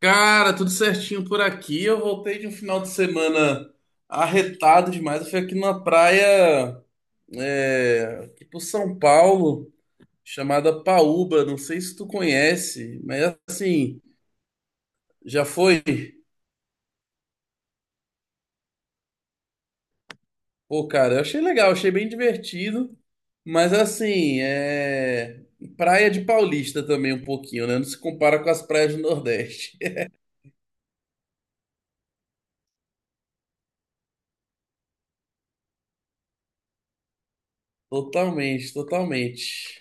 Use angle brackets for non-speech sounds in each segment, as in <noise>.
Cara, tudo certinho por aqui. Eu voltei de um final de semana arretado demais. Eu fui aqui numa praia, é, aqui por São Paulo, chamada Paúba. Não sei se tu conhece, mas assim, já foi. Pô, cara, eu achei legal, achei bem divertido. Mas assim, é praia de paulista também um pouquinho, né? Não se compara com as praias do Nordeste. <laughs> Totalmente, totalmente.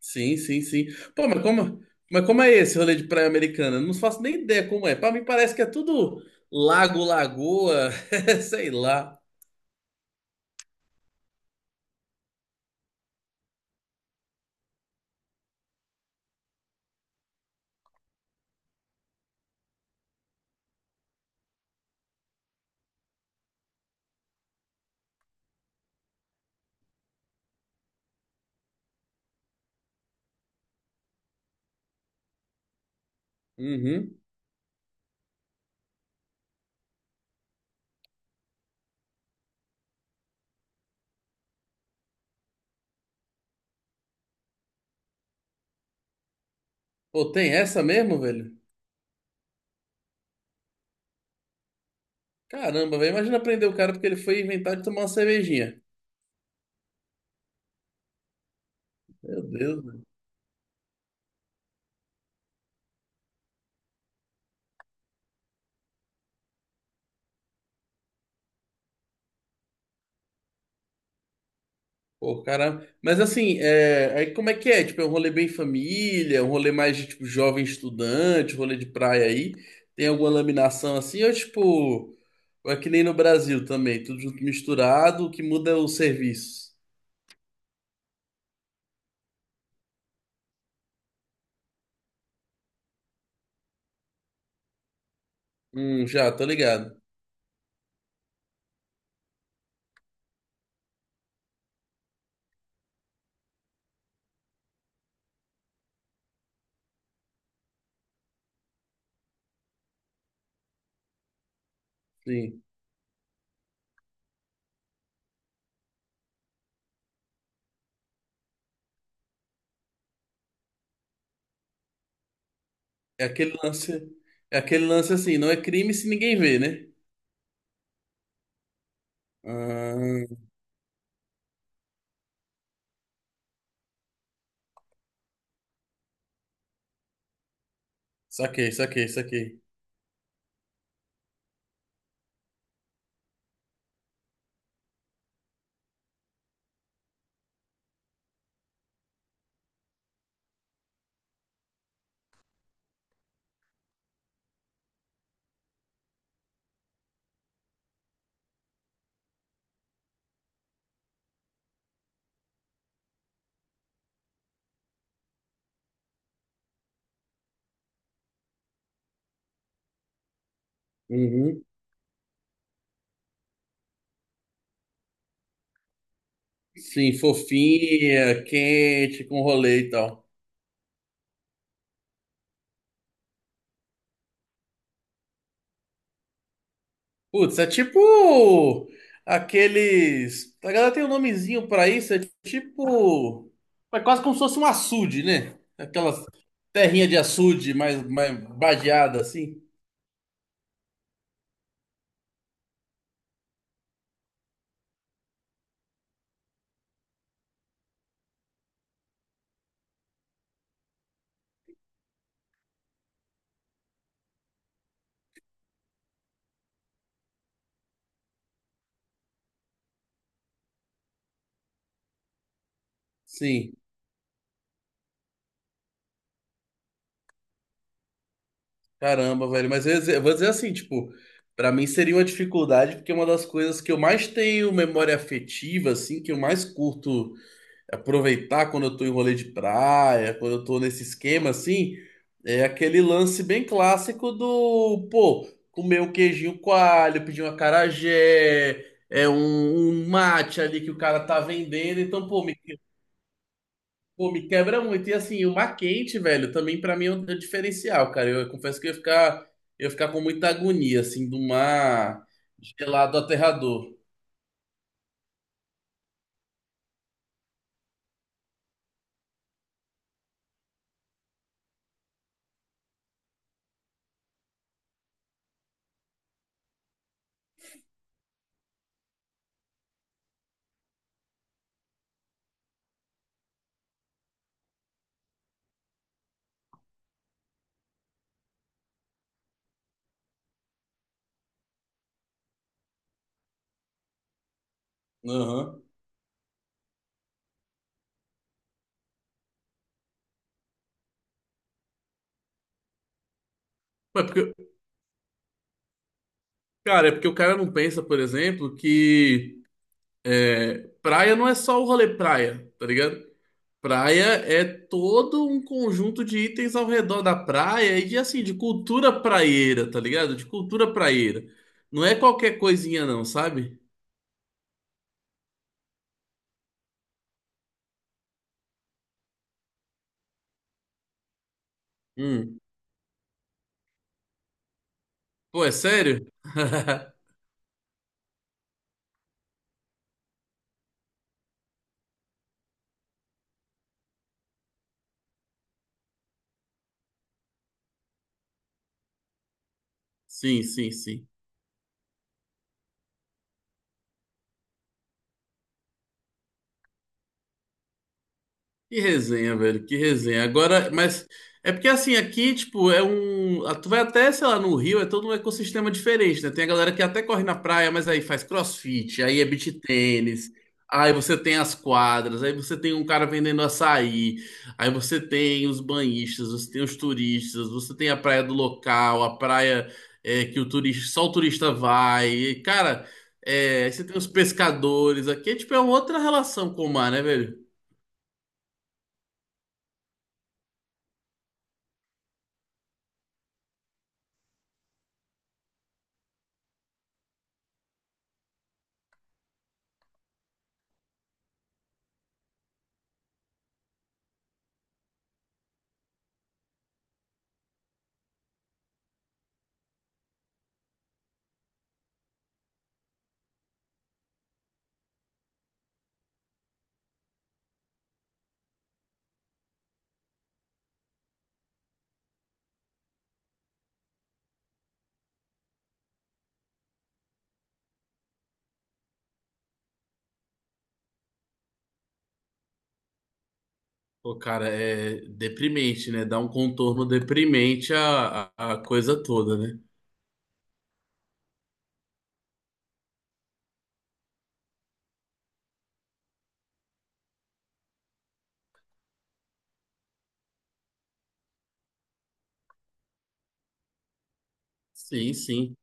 Sim, sim, sim. Pô, mas como é esse rolê de praia americana? Eu não faço nem ideia como é. Pra mim parece que é tudo lago, lagoa, <laughs> sei lá. Uhum. Pô, tem essa mesmo, velho? Caramba, velho. Imagina prender o cara porque ele foi inventar de tomar uma cervejinha. Meu Deus. Pô, caramba. Mas assim, é, aí como é que é? Tipo, é um rolê bem família, um rolê mais de tipo jovem estudante, rolê de praia aí. Tem alguma laminação assim? Ou tipo, ou é que nem no Brasil também, tudo junto misturado, o que muda é o serviço. Já, tô ligado. Sim. É aquele lance, é aquele lance assim, não é crime se ninguém vê, né? Ah, saquei, saquei, saquei. Uhum. Sim, fofinha, quente, com rolê e tal. Putz, é tipo aqueles. A galera tem um nomezinho pra isso, é tipo. É quase como se fosse um açude, né? Aquelas terrinha de açude mais badeada assim. Sim, caramba, velho. Mas eu vou dizer assim, tipo, pra mim seria uma dificuldade, porque é uma das coisas que eu mais tenho memória afetiva, assim, que eu mais curto. Aproveitar quando eu tô em rolê de praia, quando eu tô nesse esquema assim, é aquele lance bem clássico do, pô, comer um queijinho coalho, pedir um acarajé, é um mate ali que o cara tá vendendo, então, pô, me quebra muito. E assim, o mar quente, velho, também pra mim é um diferencial, cara. Eu confesso que eu ia ficar com muita agonia, assim, do mar gelado aterrador. Aham. Mas porque, cara, é porque o cara não pensa, por exemplo, que é, praia não é só o rolê praia, tá ligado? Praia é todo um conjunto de itens ao redor da praia e de, assim, de cultura praieira, tá ligado? De cultura praieira. Não é qualquer coisinha não, sabe? Hum. Pô, é sério? <laughs> Sim, sim, sim. Que resenha, velho, que resenha. Agora, mas é porque assim, aqui, tipo, é um. Ah, tu vai até, sei lá, no Rio, é todo um ecossistema diferente, né? Tem a galera que até corre na praia, mas aí faz crossfit, aí é beach tênis, aí você tem as quadras, aí você tem um cara vendendo açaí, aí você tem os banhistas, você tem os turistas, você tem a praia do local, a praia é, que o turista, só o turista vai. E, cara, é, aí você tem os pescadores aqui, é, tipo, é uma outra relação com o mar, né, velho? Pô, cara, é deprimente, né? Dá um contorno deprimente a coisa toda, né? Sim, sim.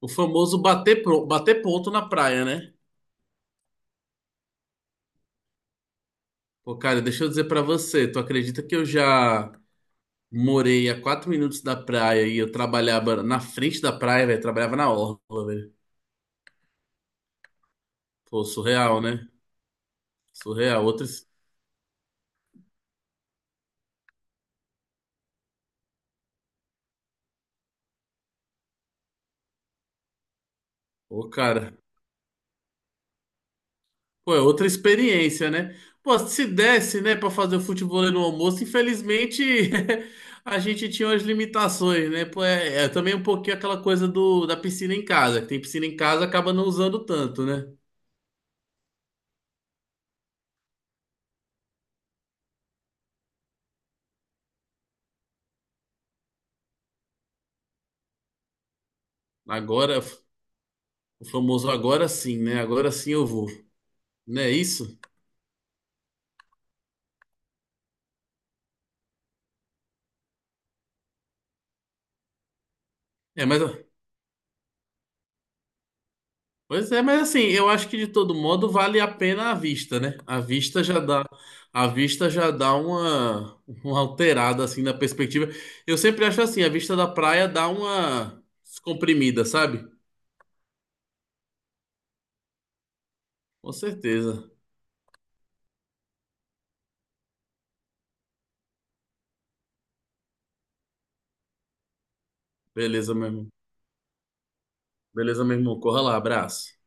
O famoso bater ponto na praia, né? Pô, cara, deixa eu dizer pra você, tu acredita que eu já morei a 4 minutos da praia e eu trabalhava na frente da praia, velho? Trabalhava na orla, velho. Pô, surreal, né? Surreal. Outras. Pô, cara. Pô, é outra experiência, né? Pô, se desse, né, pra fazer o futebol no almoço, infelizmente <laughs> a gente tinha umas limitações, né? Pô, é também um pouquinho aquela coisa da piscina em casa. Que tem piscina em casa, acaba não usando tanto, né? Agora, o famoso agora sim, né? Agora sim eu vou. Não é isso? É, mas. Pois é, mas assim, eu acho que de todo modo vale a pena a vista, né? A vista já dá uma alterada assim na perspectiva. Eu sempre acho assim, a vista da praia dá uma descomprimida, sabe? Com certeza. Beleza, meu irmão. Beleza, meu irmão. Corra lá, abraço.